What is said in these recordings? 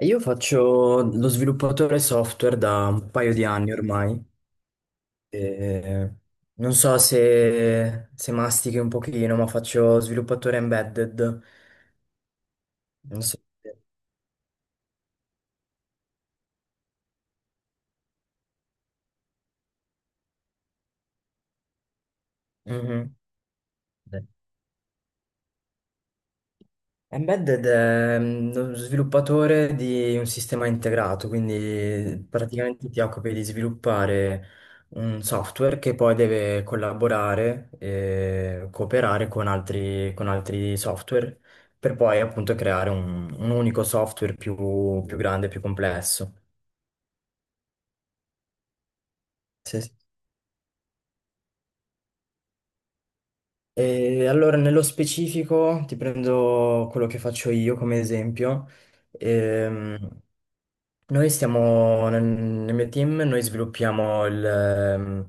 Io faccio lo sviluppatore software da un paio di anni ormai. E non so se mastichi un pochino, ma faccio sviluppatore embedded. Non so se- Mhm. Embedded è lo sviluppatore di un sistema integrato, quindi praticamente ti occupi di sviluppare un software che poi deve collaborare e cooperare con altri software per poi appunto creare un unico software più grande, più complesso. Sì, sì. E allora, nello specifico, ti prendo quello che faccio io come esempio. Ehm, noi stiamo nel mio team, noi sviluppiamo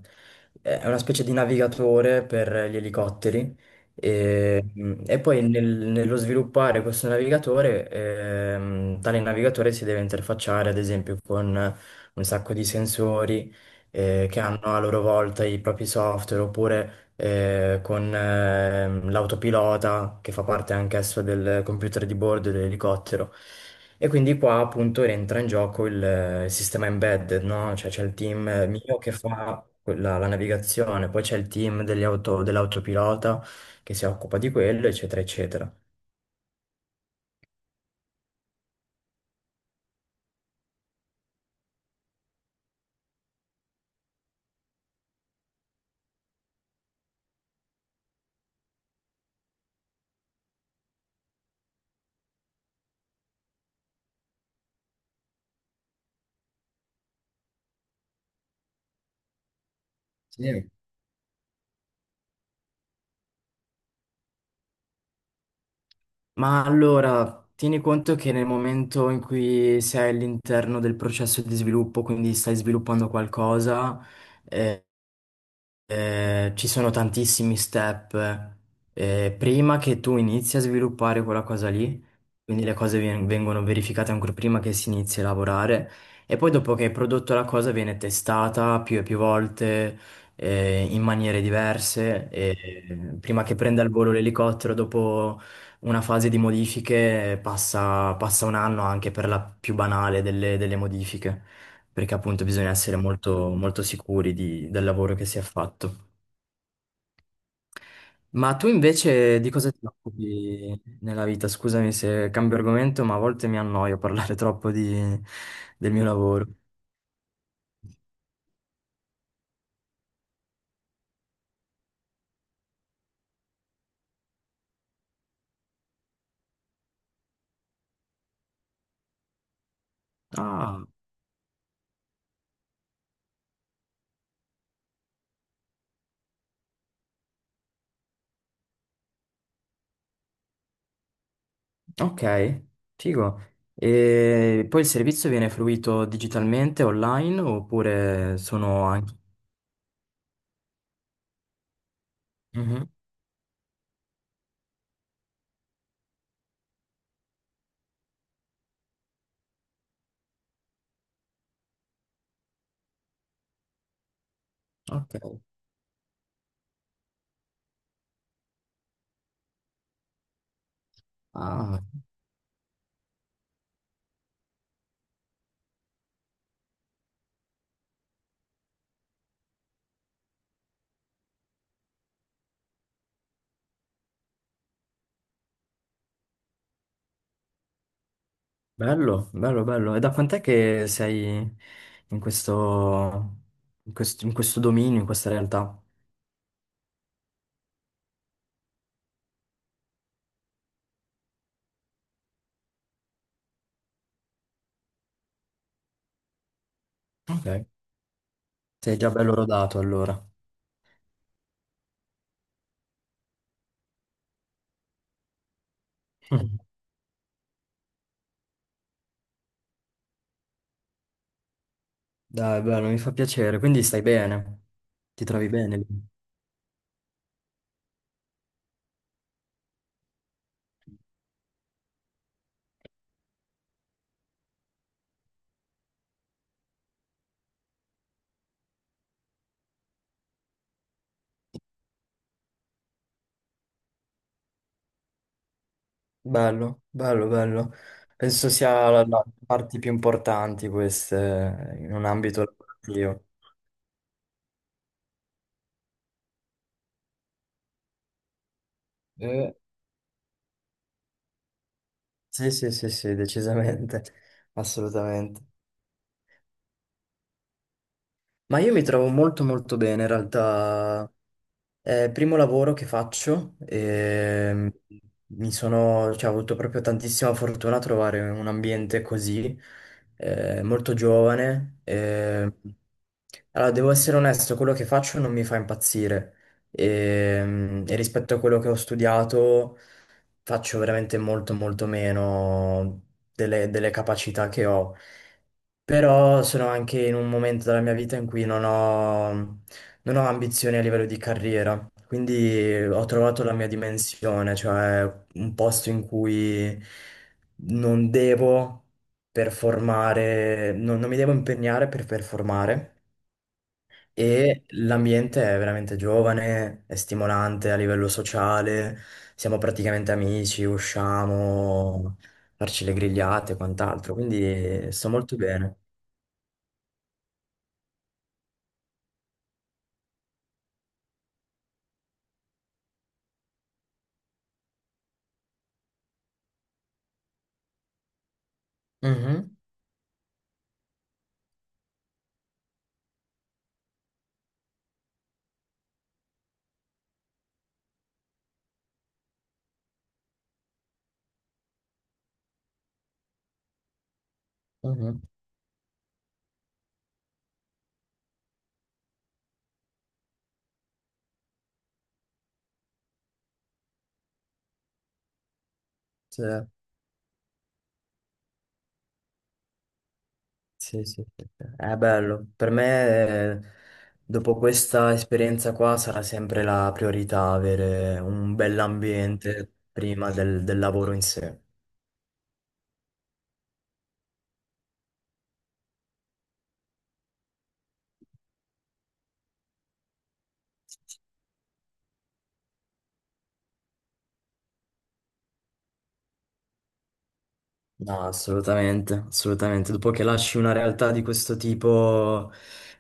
è una specie di navigatore per gli elicotteri e, e poi nello sviluppare questo navigatore, tale navigatore si deve interfacciare ad esempio con un sacco di sensori che hanno a loro volta i propri software oppure con l'autopilota che fa parte anch'esso del computer di bordo dell'elicottero. E quindi qua appunto entra in gioco il sistema embedded, no? Cioè c'è il team mio che fa la navigazione, poi c'è il team degli dell'autopilota che si occupa di quello, eccetera, eccetera. Sì. Ma allora, tieni conto che nel momento in cui sei all'interno del processo di sviluppo, quindi stai sviluppando qualcosa, eh, ci sono tantissimi step prima che tu inizi a sviluppare quella cosa lì, quindi le cose vengono verificate ancora prima che si inizi a lavorare e poi dopo che hai prodotto la cosa viene testata più e più volte in maniere diverse e prima che prenda il volo l'elicottero dopo una fase di modifiche passa un anno anche per la più banale delle modifiche perché appunto bisogna essere molto, molto sicuri del lavoro che si è fatto. Ma tu invece di cosa ti occupi nella vita? Scusami se cambio argomento, ma a volte mi annoio parlare troppo del mio lavoro. Ah, ok, figo. E poi il servizio viene fruito digitalmente, online, oppure sono anche. Mhm, ok. Ah. Bello, bello, bello. E da quant'è che sei in questo, in questo dominio, in questa realtà? Ok. Sei già bello rodato allora. Mm. Dai, bello, mi fa piacere. Quindi stai bene? Ti trovi bene lì? Bello, bello, bello. Penso sia la parte più importante queste in un ambito lavorativo. Eh, sì, sì, sì, sì, decisamente, assolutamente. Ma io mi trovo molto molto bene in realtà. È il primo lavoro che faccio e cioè, ho avuto proprio tantissima fortuna a trovare un ambiente così, molto giovane. Allora, devo essere onesto, quello che faccio non mi fa impazzire e rispetto a quello che ho studiato faccio veramente molto molto meno delle capacità che ho. Però sono anche in un momento della mia vita in cui non ho ambizioni a livello di carriera, quindi ho trovato la mia dimensione, cioè un posto in cui non devo performare, non mi devo impegnare per performare e l'ambiente è veramente giovane, è stimolante a livello sociale, siamo praticamente amici, usciamo, farci le grigliate e quant'altro, quindi sto molto bene. Mhm. Mhm. Sì, sì, sì, sì. È bello. Per me, dopo questa esperienza qua, sarà sempre la priorità avere un bell'ambiente prima del lavoro in sé. No, assolutamente, assolutamente. Dopo che lasci una realtà di questo tipo,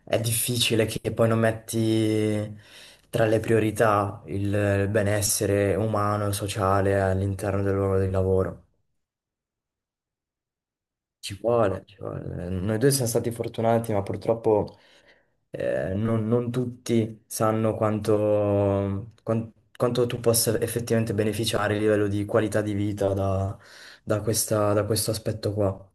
è difficile che poi non metti tra le priorità il benessere umano e sociale all'interno del luogo di lavoro. Ci vuole, ci vuole. Noi due siamo stati fortunati, ma purtroppo non tutti sanno quanto tu possa effettivamente beneficiare a livello di qualità di vita da questo aspetto qua.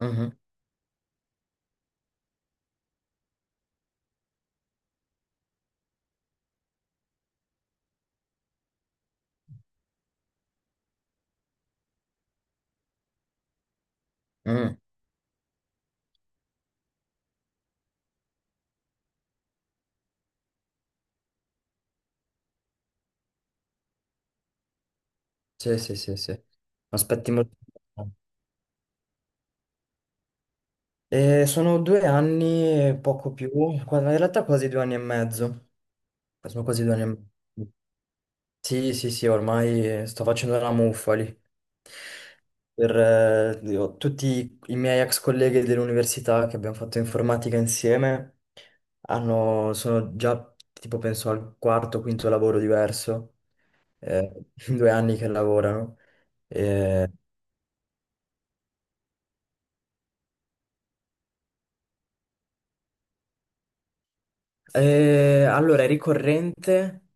Mhm, mhm. Sì, sì, sì, sì. Aspetti molto. Sono 2 anni e poco più, in realtà quasi 2 anni e mezzo. Sono quasi 2 anni e mezzo. Sì, sì, sì, ormai sto facendo la muffa lì. Tutti i miei ex colleghi dell'università che abbiamo fatto informatica insieme sono già tipo penso al quarto o quinto lavoro diverso, eh, in 2 anni che lavorano. Eh, allora è ricorrente,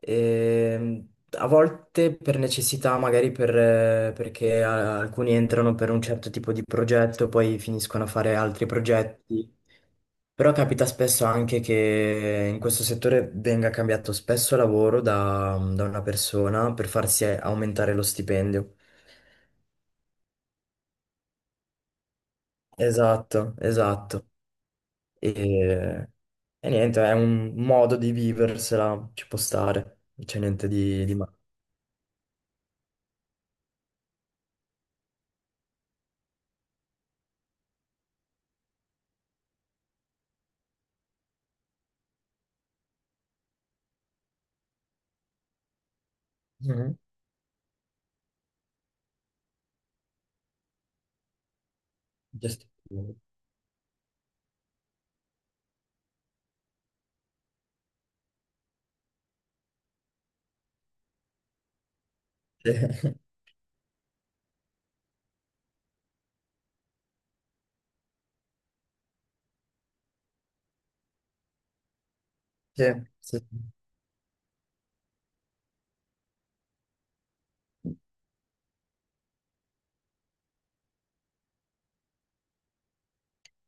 a volte per necessità, magari perché alcuni entrano per un certo tipo di progetto, poi finiscono a fare altri progetti. Però capita spesso anche che in questo settore venga cambiato spesso lavoro da una persona per farsi aumentare lo stipendio. Esatto, esatto. E, e niente, è un modo di viversela, ci può stare, non c'è niente di male. Mhm. Just- Sì, sì, sì.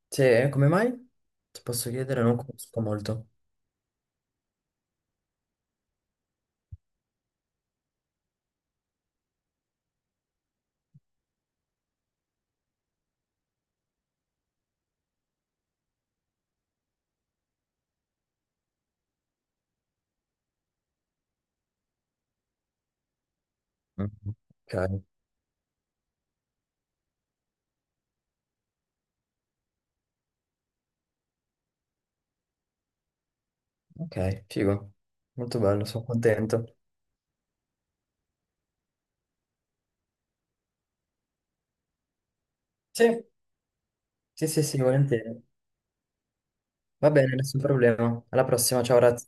Sì, come mai? Ti posso chiedere, non conosco molto. Mhm. Ok, ok, figo. Molto bello, sono contento. Sì. Sì, sì, sì, volentieri. Va bene, nessun problema. Alla prossima, ciao, ragazzi.